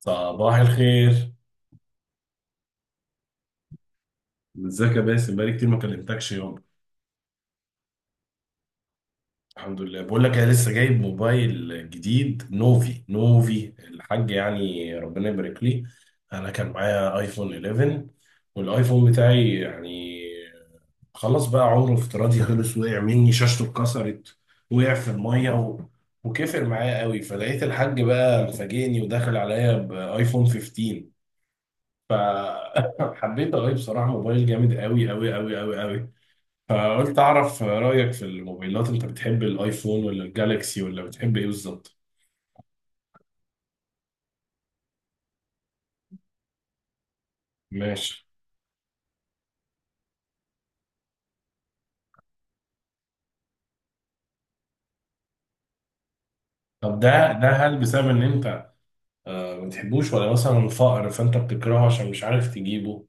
صباح الخير. ازيك يا باسم؟ بقالي كتير ما كلمتكش يوم. الحمد لله. بقول لك انا لسه جايب موبايل جديد نوفي نوفي الحاج، يعني ربنا يبارك لي. انا كان معايا ايفون 11، والايفون بتاعي يعني خلاص بقى عمره افتراضي خلص، وقع مني شاشته اتكسرت، وقع في الميه و... وكفر معايا قوي، فلقيت الحاج بقى مفاجئني وداخل عليا بايفون 15. فحبيت اغير، بصراحه موبايل جامد قوي قوي قوي قوي قوي. فقلت اعرف رايك في الموبايلات، انت بتحب الايفون ولا الجالكسي ولا بتحب ايه بالظبط؟ ماشي. طب ده هل بسبب ان انت ما بتحبوش، ولا مثلا فقر فانت بتكرهه عشان مش عارف تجيبه؟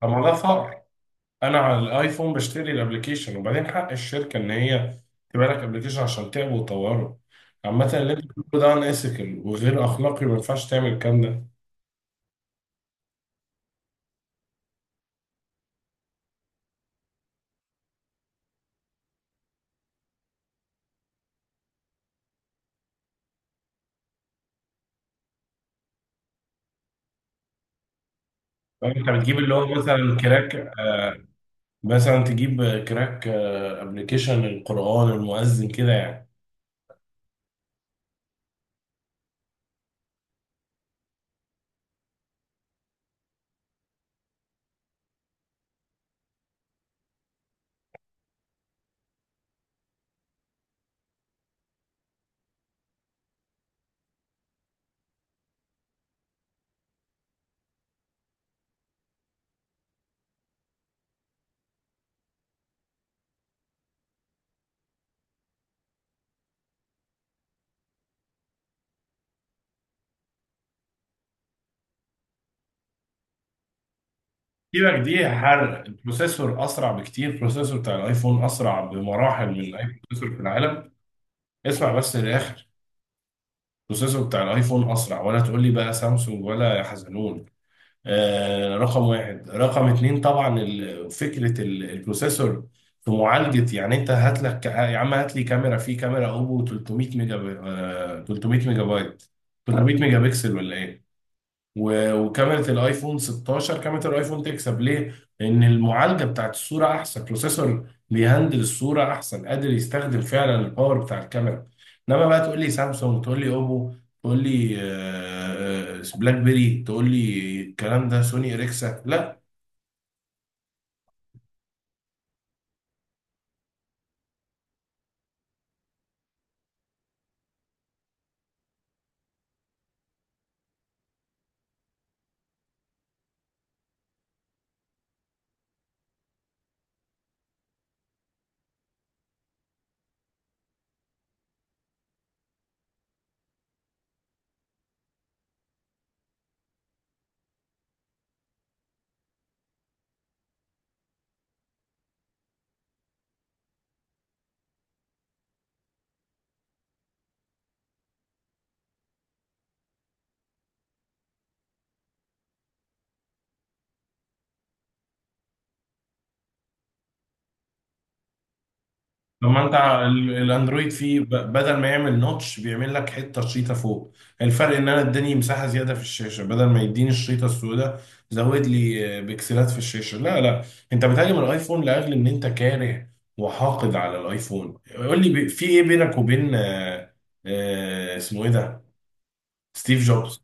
طب ما ده فقر. انا على الايفون بشتري الابليكيشن، وبعدين حق الشركه ان هي تبقى لك ابليكيشن عشان تعبه وتطوره. عامة اللي انت بتقوله ده ان وغير اخلاقي، ما ينفعش تعمل الكلام ده. فانت بتجيب اللي هو مثلا كراك، مثلا تجيب كراك ابلكيشن القرآن المؤذن كده يعني. سيبك دي حرق، البروسيسور اسرع بكتير، البروسيسور بتاع الايفون اسرع بمراحل من اي بروسيسور في العالم. اسمع بس للاخر، البروسيسور بتاع الايفون اسرع، ولا تقول لي بقى سامسونج ولا يا حزنون. آه، رقم واحد، رقم اتنين طبعا فكرة البروسيسور في معالجة، يعني انت هات لك يا عم، هات لي كاميرا، في كاميرا اوبو 300 ميجا بي... آه 300 ميجا بايت، 300 ميجا بكسل ولا ايه؟ وكاميرا الايفون 16، كاميرا الايفون تكسب ليه؟ لان المعالجه بتاعت الصوره احسن، بروسيسور بيهندل الصوره احسن، قادر يستخدم فعلا الباور بتاع الكاميرا. انما بقى تقول لي سامسونج، تقول لي اوبو، تقول لي بلاك بيري، تقول لي الكلام ده سوني اريكسا، لا. طب ما انت الاندرويد فيه، بدل ما يعمل نوتش بيعمل لك حته شريطه فوق. الفرق ان انا اداني مساحه زياده في الشاشه، بدل ما يديني الشريطه السوداء زود لي بكسلات في الشاشه. لا لا، انت بتهاجم الايفون لاجل ان انت كاره وحاقد على الايفون. قول لي في ايه بينك وبين اسمه ايه ده، ستيف جوبز؟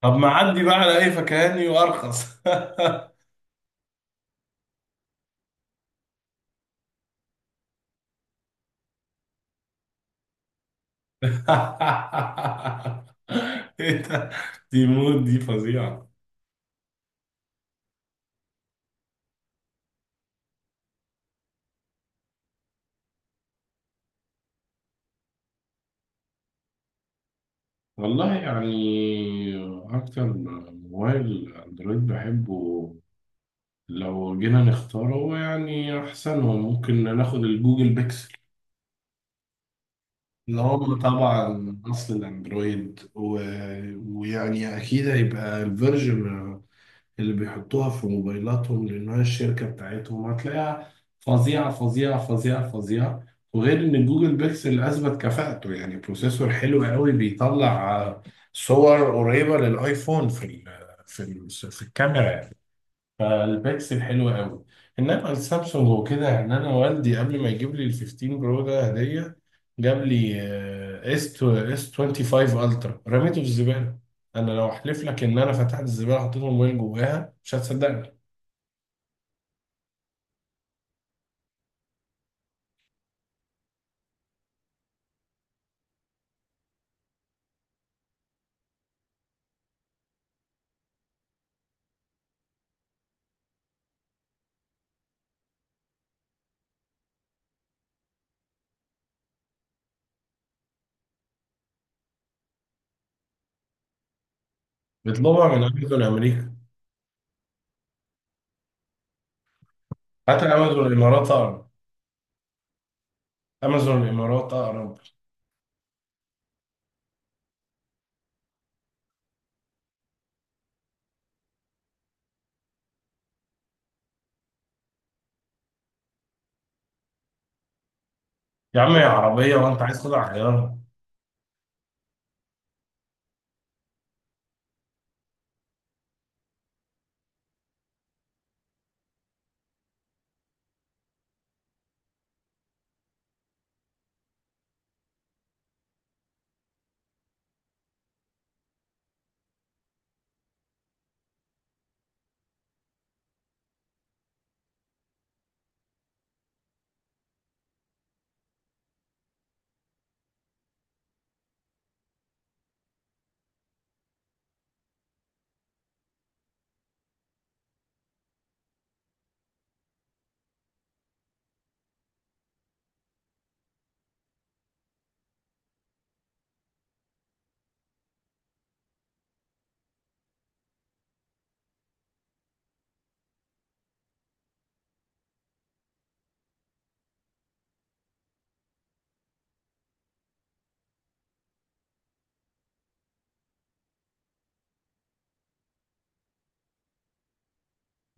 طب ما عدي بقى على اي فكهاني وارخص. ايه ده؟ دي مود دي فظيعه. والله يعني أكتر موبايل أندرويد بحبه، لو جينا نختاره هو يعني أحسنهم، ممكن ناخد الجوجل بيكسل. اللي هو طبعا أصل الأندرويد و... ويعني أكيد هيبقى الفيرجن اللي بيحطوها في موبايلاتهم لأنها الشركة بتاعتهم، هتلاقيها فظيعة فظيعة فظيعة فظيعة. وغير إن جوجل بيكسل أثبت كفاءته، يعني بروسيسور حلو قوي، بيطلع صور قريبة للآيفون في ال في ال في الكاميرا. فالبيكسل حلو قوي. انما السامسونج وكده، يعني انا والدي قبل ما يجيب لي ال 15 برو ده هديه، جاب لي اس 25 الترا، رميته في الزباله. انا لو احلف لك ان انا فتحت الزباله حطيت الموبايل جواها مش هتصدقني. بيطلبها من امازون امريكا. حتى امازون الامارات اقرب. امازون الامارات اقرب. يا عم يا عربيه وانت عايز تطلع غيارها.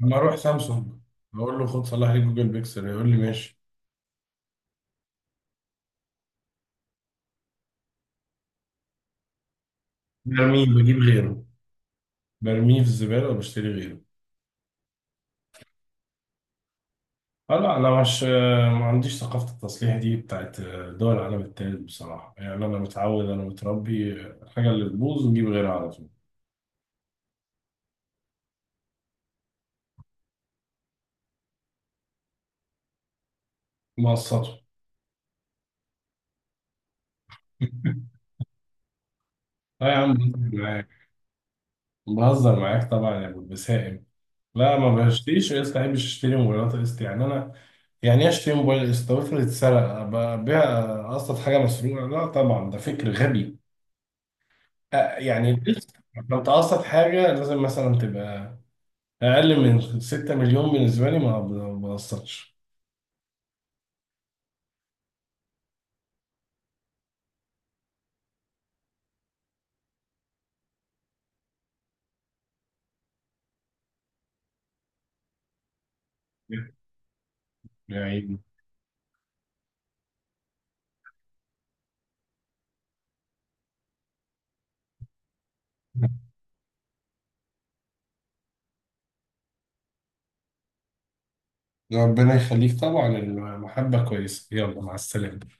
اما اروح سامسونج اقول له خد صلح لي جوجل بيكسل، يقول لي ماشي. برميه بجيب غيره، برميه في الزباله وبشتري غيره. اه لا، انا مش ما عنديش ثقافه التصليح دي بتاعت دول العالم التالت بصراحه، يعني انا متعود، انا متربي الحاجه اللي تبوظ نجيب غيرها على طول. مقسطه. لا يا عم بهزر معاك، بهزر معاك طبعا يا ابو البسائم. لا ما بشتريش قسط، ما بحبش اشتري موبايلات قسط، يعني انا يعني ايه اشتري موبايل قسط؟ افرض اتسرق، أبقى ابيع قسط حاجه مسروقه؟ لا طبعا ده فكر غبي. يعني القسط لو تقسط حاجه لازم مثلا تبقى اقل من 6 مليون بالنسبه لي، ما بقصرش يعني. ربنا يخليك طبعا، المحبه كويسه، يلا مع السلامه.